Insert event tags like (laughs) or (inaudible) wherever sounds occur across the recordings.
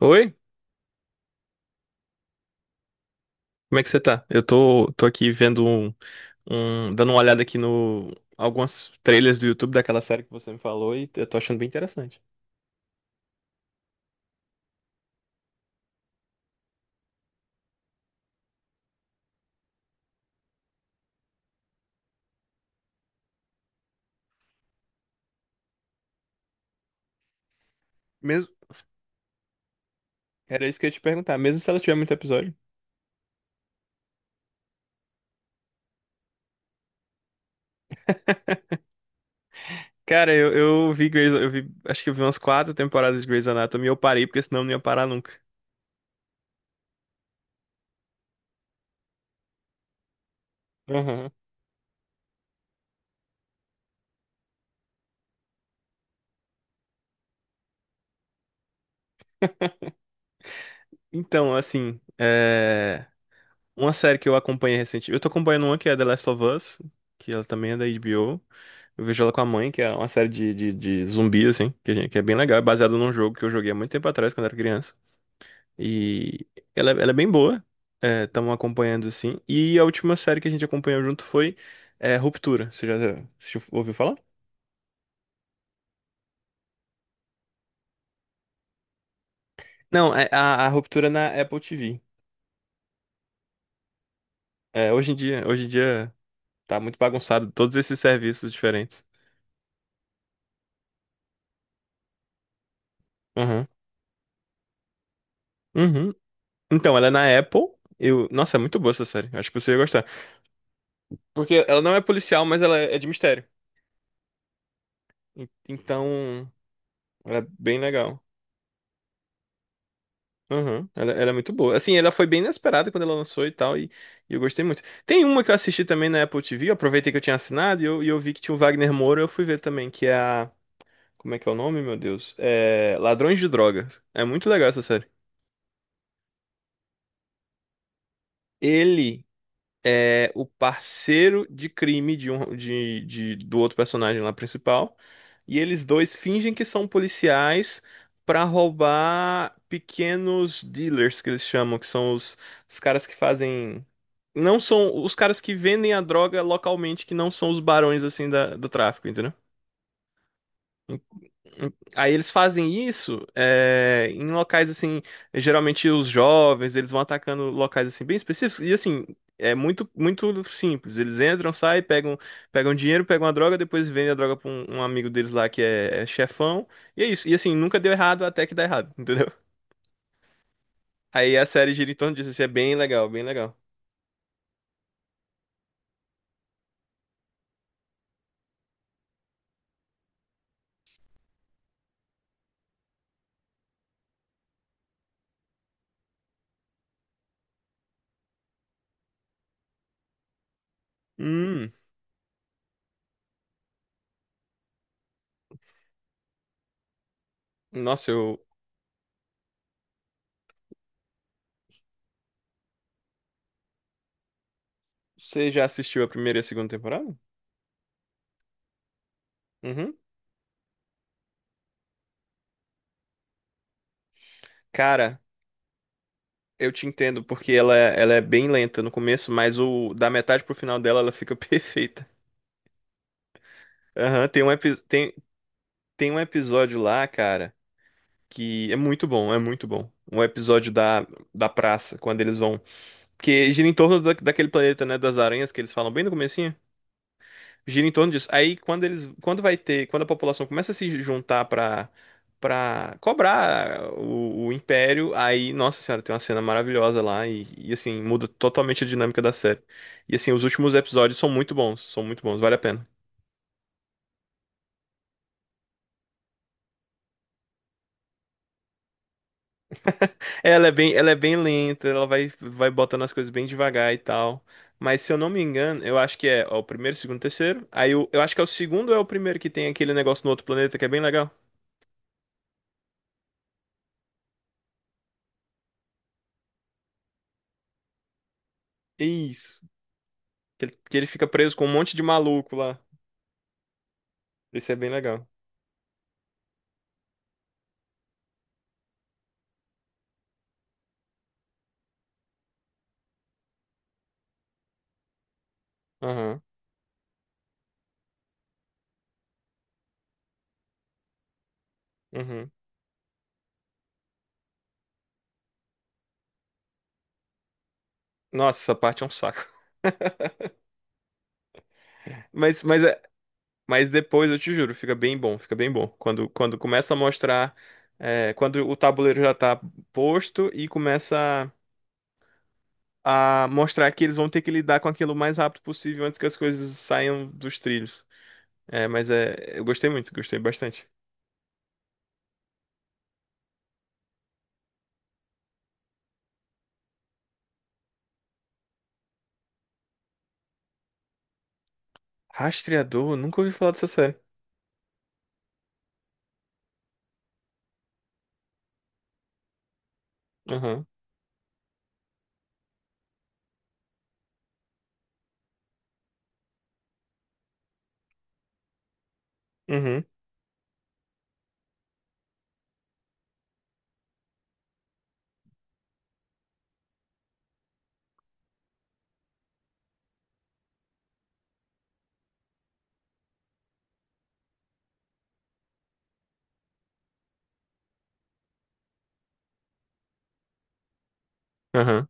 Oi, como é que você tá? Eu tô aqui vendo dando uma olhada aqui no algumas trailers do YouTube daquela série que você me falou e eu tô achando bem interessante. Mesmo. Era isso que eu ia te perguntar, mesmo se ela tiver muito episódio. (laughs) Cara, eu vi Grey's, eu vi, acho que eu vi umas quatro temporadas de Grey's Anatomy e eu parei porque senão eu não ia parar nunca. Aham. Então, assim, uma série que eu acompanhei recentemente. Eu tô acompanhando uma que é The Last of Us, que ela também é da HBO. Eu vejo ela com a mãe, que é uma série de zumbi, assim, que é bem legal. É baseado num jogo que eu joguei há muito tempo atrás, quando era criança. E ela é bem boa. Estamos acompanhando, assim. E a última série que a gente acompanhou junto foi é, Ruptura. Você já ouviu falar? Não, é a Ruptura na Apple TV. É, hoje em dia tá muito bagunçado todos esses serviços diferentes. Aham. Uhum. Então, ela é na Apple. Eu... Nossa, é muito boa essa série. Acho que você ia gostar. Porque ela não é policial, mas ela é de mistério. Então, ela é bem legal. Aham, ela é muito boa. Assim, ela foi bem inesperada quando ela lançou e tal, e eu gostei muito. Tem uma que eu assisti também na Apple TV, eu aproveitei que eu tinha assinado e eu vi que tinha o Wagner Moura, eu fui ver também, que é a. Como é que é o nome, meu Deus? É. Ladrões de Drogas. É muito legal essa série. Ele é o parceiro de crime de um, de- do outro personagem lá principal. E eles dois fingem que são policiais para roubar pequenos dealers, que eles chamam, que são os caras que fazem. Não são os caras que vendem a droga localmente, que não são os barões assim do tráfico, entendeu? Aí eles fazem isso é, em locais assim, geralmente os jovens, eles vão atacando locais assim bem específicos e assim, é muito muito simples. Eles entram, saem, pegam dinheiro, pegam a droga, depois vendem a droga pra um amigo deles lá que é chefão. E é isso. E assim, nunca deu errado até que dá errado, (laughs) entendeu? Aí a série gira em torno disso, assim, é bem legal, bem legal. Hum, nossa, eu você já assistiu a primeira e a segunda temporada? Uhum. Cara, eu te entendo, porque ela é bem lenta no começo, mas o da metade pro final dela ela fica (laughs) perfeita. Aham, tem um episódio lá, cara, que é muito bom, é muito bom. Um episódio da praça, quando eles vão. Porque gira em torno daquele planeta, né, das aranhas, que eles falam bem no começo. Gira em torno disso. Aí quando eles, quando vai ter, quando a população começa a se juntar pra para cobrar o império, aí, nossa senhora, tem uma cena maravilhosa lá e, assim muda totalmente a dinâmica da série. E assim, os últimos episódios são muito bons, vale a pena. É, ela é bem, ela é bem lenta, ela vai botando as coisas bem devagar e tal. Mas se eu não me engano, eu acho que é ó, o primeiro, segundo, terceiro. Eu acho que é o segundo ou é o primeiro que tem aquele negócio no outro planeta que é bem legal. Isso. Que ele fica preso com um monte de maluco lá. Isso é bem legal. Aham, uhum. Nossa, essa parte é um saco. (laughs) Mas, mas, é, mas depois, eu te juro, fica bem bom, fica bem bom. Quando começa a mostrar, é, quando o tabuleiro já tá posto e começa a mostrar que eles vão ter que lidar com aquilo o mais rápido possível antes que as coisas saiam dos trilhos. Eu gostei muito, gostei bastante. Rastreador, nunca ouvi falar dessa série. Aham, uhum, aham,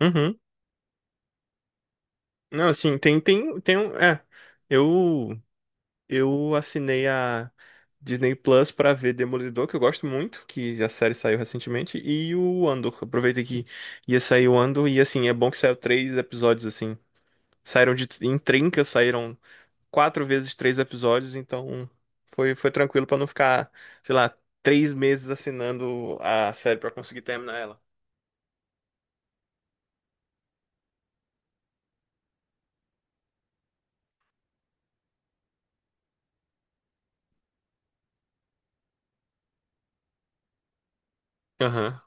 uhum, uhum. Não, assim, tem um, é, eu... Eu assinei a Disney Plus pra ver Demolidor, que eu gosto muito, que a série saiu recentemente, e o Andor. Aproveitei que ia sair o Andor, e assim, é bom que saiu três episódios, assim. Saíram de, em trinca, saíram quatro vezes três episódios, então foi, foi tranquilo pra não ficar, sei lá, três meses assinando a série pra conseguir terminar ela. Aham.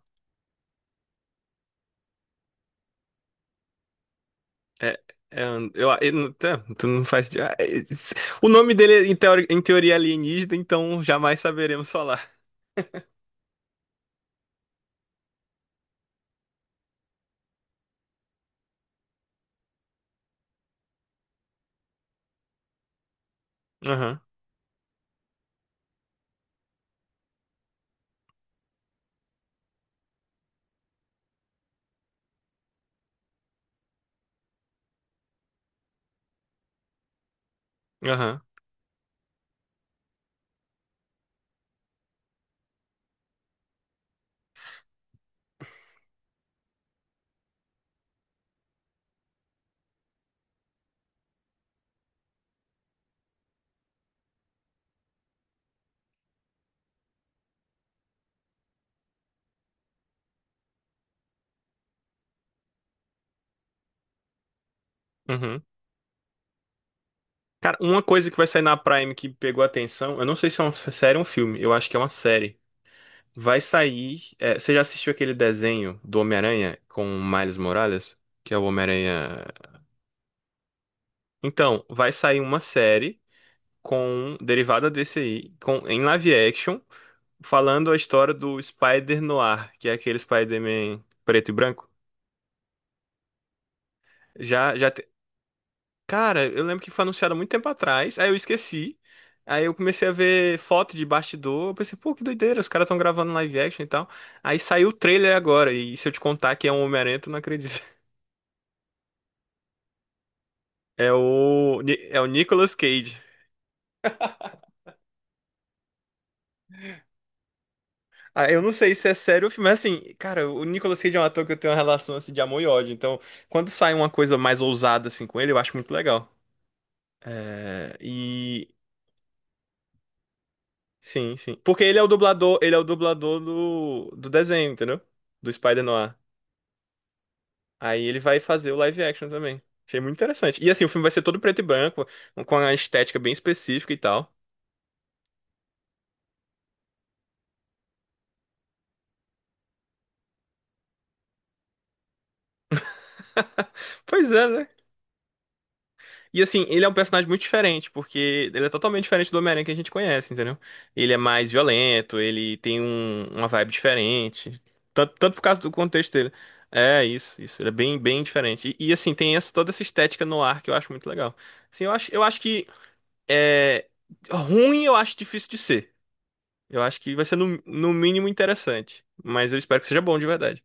É, é, and- eu, não- tá, tu não faz. O nome dele, é, em teoria, alienígena, então jamais saberemos falar. Aham, aham. Uhum. Cara, uma coisa que vai sair na Prime que pegou atenção, eu não sei se é série ou um filme, eu acho que é uma série. Vai sair. É, você já assistiu aquele desenho do Homem-Aranha com o Miles Morales? Que é o Homem-Aranha. Então, vai sair uma série com derivada desse aí, com em live action, falando a história do Spider-Noir, que é aquele Spider-Man preto e branco. Já já te- Cara, eu lembro que foi anunciado há muito tempo atrás, aí eu esqueci. Aí eu comecei a ver foto de bastidor, eu pensei, pô, que doideira, os caras estão gravando live action e tal. Aí saiu o trailer agora, e se eu te contar que é um Homem-Aranha, tu não acredita. (laughs) É o Nicolas Cage. Ah, eu não sei se é sério o filme, mas assim, cara, o Nicolas Cage é um ator que eu tenho uma relação assim de amor e ódio. Então, quando sai uma coisa mais ousada assim com ele, eu acho muito legal. É, e sim, sim. Porque ele é o dublador, ele é o dublador do desenho, entendeu? Do Spider-Noir. Aí ele vai fazer o live action também. Achei muito interessante. E assim, o filme vai ser todo preto e branco, com a estética bem específica e tal. (laughs) Pois é, né? E assim, ele é um personagem muito diferente, porque ele é totalmente diferente do Homem-Aranha que a gente conhece, entendeu? Ele é mais violento, ele tem uma vibe diferente. Tanto, tanto por causa do contexto dele. É, isso, isso. Ele é bem, bem diferente. E assim, tem essa, toda essa estética no ar que eu acho muito legal. Assim, eu acho que é, ruim eu acho difícil de ser. Eu acho que vai ser no mínimo interessante. Mas eu espero que seja bom de verdade.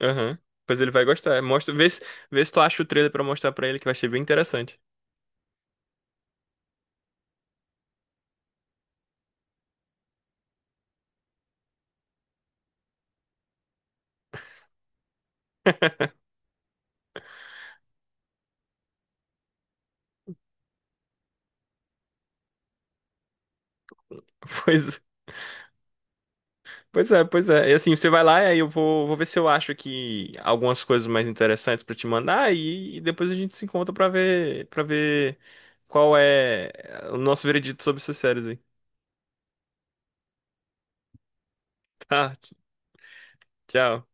Aham. Pois ele vai gostar. Mostra, vê se tu acha o trailer pra mostrar pra ele que vai ser bem interessante. (laughs) Pois Pois é, pois é. E assim, você vai lá e aí vou ver se eu acho aqui algumas coisas mais interessantes pra te mandar e depois a gente se encontra para ver qual é o nosso veredito sobre essas séries aí. (laughs) Tá, tchau.